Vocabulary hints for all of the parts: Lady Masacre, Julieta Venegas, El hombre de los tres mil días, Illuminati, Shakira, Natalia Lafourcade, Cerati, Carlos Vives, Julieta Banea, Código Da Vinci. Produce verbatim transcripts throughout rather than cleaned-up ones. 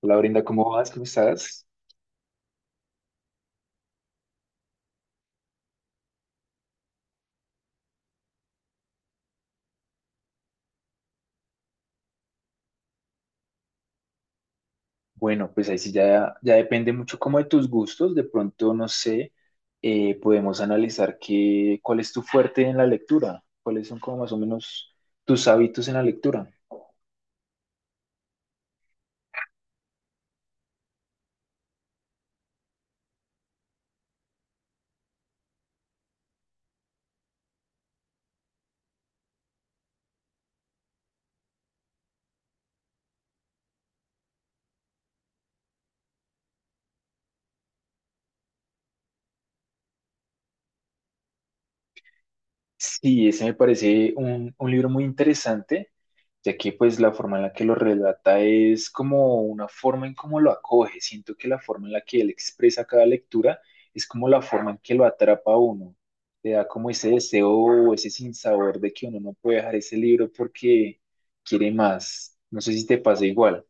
Hola Brenda, ¿cómo vas? ¿Cómo estás? Bueno, pues ahí sí ya, ya depende mucho como de tus gustos. De pronto, no sé, eh, podemos analizar qué, cuál es tu fuerte en la lectura, cuáles son como más o menos tus hábitos en la lectura. Sí, ese me parece un, un libro muy interesante, ya que pues la forma en la que lo relata es como una forma en cómo lo acoge. Siento que la forma en la que él expresa cada lectura es como la forma en que lo atrapa a uno. Te da como ese deseo o ese sinsabor de que uno no puede dejar ese libro porque quiere más. No sé si te pasa igual.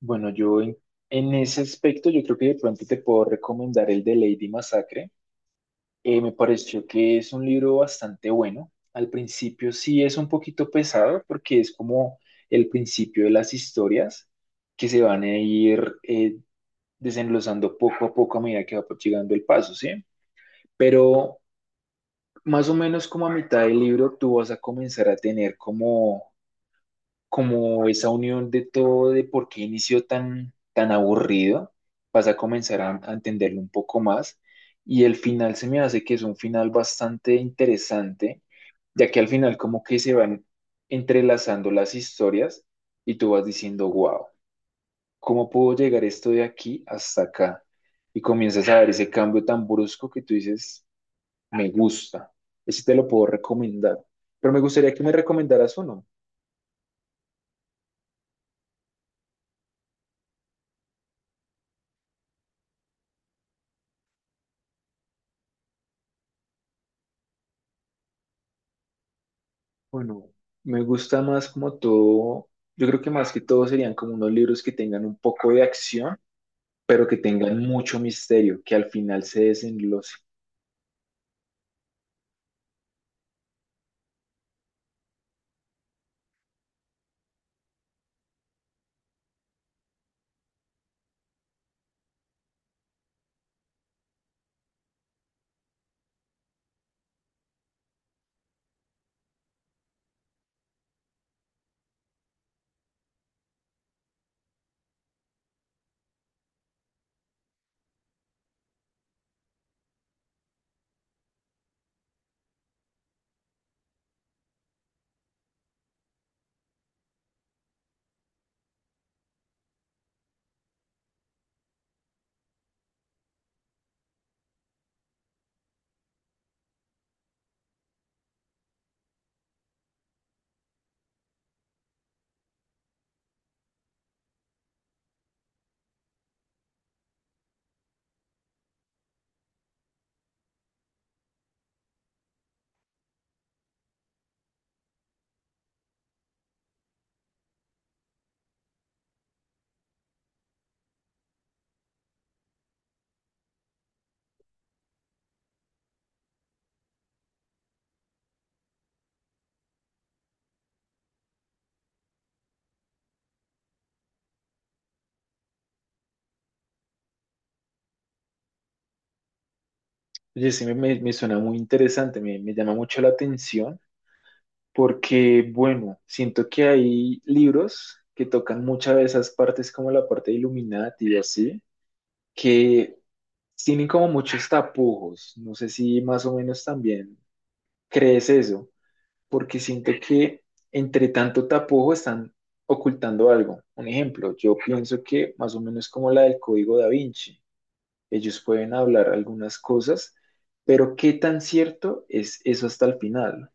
Bueno, yo en, en ese aspecto yo creo que de pronto te puedo recomendar el de Lady Masacre. Eh, me pareció que es un libro bastante bueno. Al principio sí es un poquito pesado porque es como el principio de las historias que se van a ir eh, desenlozando poco a poco a medida que va llegando el paso, ¿sí? Pero más o menos como a mitad del libro tú vas a comenzar a tener como como esa unión de todo, de por qué inició tan, tan aburrido, vas a comenzar a, a entenderlo un poco más. Y el final se me hace que es un final bastante interesante, ya que al final como que se van entrelazando las historias y tú vas diciendo, wow, ¿cómo puedo llegar esto de aquí hasta acá? Y comienzas a ver ese cambio tan brusco que tú dices, me gusta, ese te lo puedo recomendar. Pero me gustaría que me recomendaras uno. Bueno, me gusta más como todo, yo creo que más que todo serían como unos libros que tengan un poco de acción, pero que tengan mucho misterio, que al final se desenlace. Oye, sí me, me- me suena muy interesante, me, me llama mucho la atención, porque bueno, siento que hay libros que tocan muchas de esas partes como la parte de Illuminati y así, que tienen como muchos tapujos, no sé si más o menos también crees eso. Porque siento que entre tanto tapujo están ocultando algo. Un ejemplo, yo pienso que más o menos como la del Código Da Vinci, ellos pueden hablar algunas cosas, pero qué tan cierto es eso hasta el final.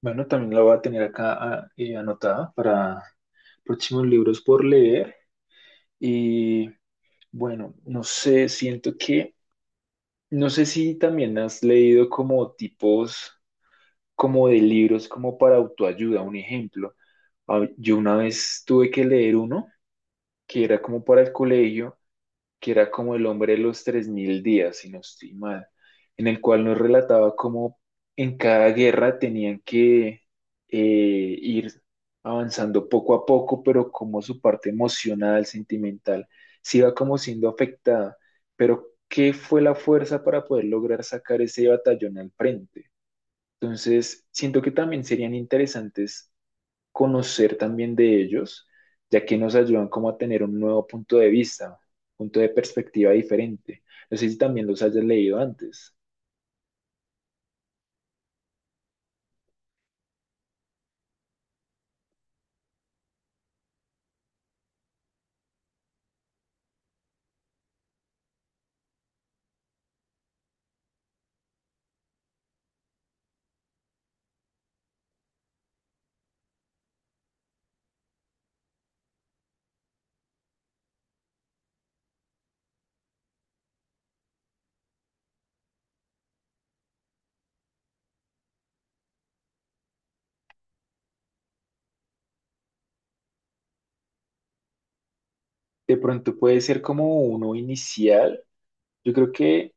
Bueno, también la voy a tener acá ah, eh, anotada para próximos libros por leer. Y bueno, no sé, siento que, no sé si también has leído como tipos como de libros como para autoayuda. Un ejemplo, a- yo una vez tuve que leer uno que era como para el colegio, que era como El hombre de los tres mil días, si no estoy mal, en el cual nos relataba cómo en cada guerra tenían que eh, ir avanzando poco a poco, pero como su parte emocional, sentimental, se iba como siendo afectada. Pero, ¿qué fue la fuerza para poder lograr sacar ese batallón al frente? Entonces, siento que también serían interesantes conocer también de ellos, ya que nos ayudan como a tener un nuevo punto de vista, punto de perspectiva diferente. No sé si también los hayas leído antes. De pronto puede ser como uno inicial. Yo creo que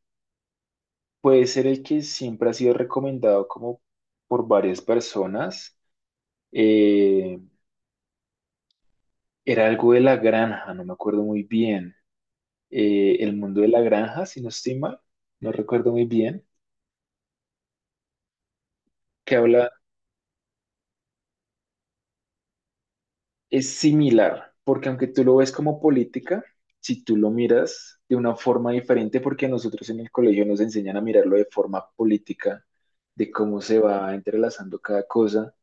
puede ser el que siempre ha sido recomendado como por varias personas. Eh, Era algo de la granja, no me acuerdo muy bien. Eh, el mundo de la granja, si no estoy mal, no recuerdo muy bien que habla. Es similar, porque aunque tú lo ves como política, si tú lo miras de una forma diferente, porque a nosotros en el colegio nos enseñan a mirarlo de forma política, de cómo se va entrelazando cada cosa,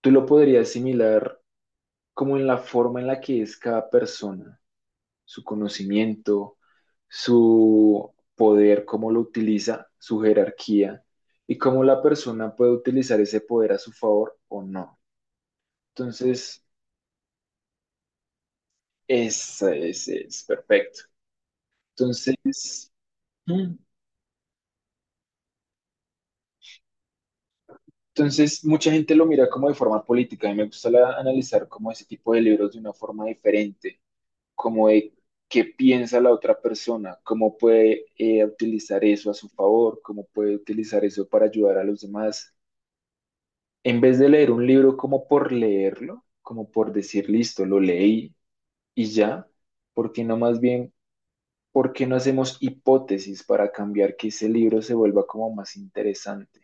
tú lo podrías asimilar como en la forma en la que es cada persona, su conocimiento, su poder, cómo lo utiliza, su jerarquía y cómo la persona puede utilizar ese poder a su favor o no. Entonces, es, es, es perfecto. Entonces, mm, entonces, Mucha gente lo mira como de forma política. A mí me gusta la- analizar como ese tipo de libros de una forma diferente, como de qué piensa la otra persona, cómo puede eh, utilizar eso a su favor, cómo puede utilizar eso para ayudar a los demás. En vez de leer un libro como por leerlo, como por decir, listo, lo leí y ya, porque no más bien, ¿por qué no hacemos hipótesis para cambiar que ese libro se vuelva como más interesante?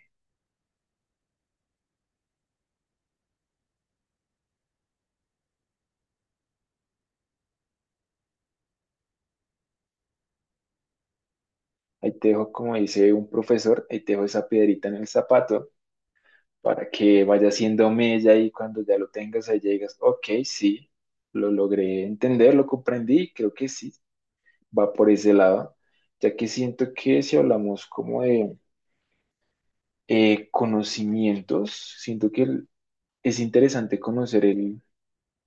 Ahí te dejo, como dice un profesor, ahí te dejo esa piedrita en el zapato para que vaya haciendo mella y cuando ya lo tengas ahí llegas, ok, sí, lo logré entender, lo comprendí, y creo que sí, va por ese lado, ya que siento que si hablamos como de eh, conocimientos, siento que el- es interesante conocer el,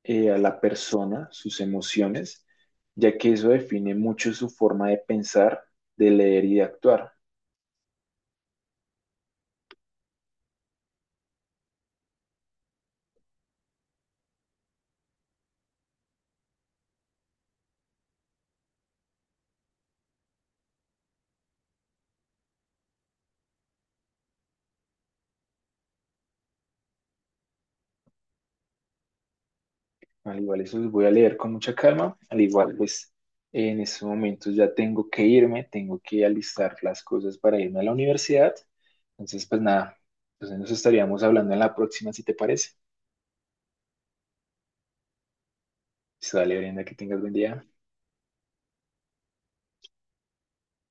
eh, a la persona, sus emociones, ya que eso define mucho su forma de pensar, de leer y de actuar. Al igual, eso los voy a leer con mucha calma. Al igual, pues en estos momentos ya tengo que irme, tengo que alistar las cosas para irme a la universidad. Entonces, pues nada, entonces nos estaríamos hablando en la próxima, si te parece. Pues, dale, Brenda, que tengas buen día.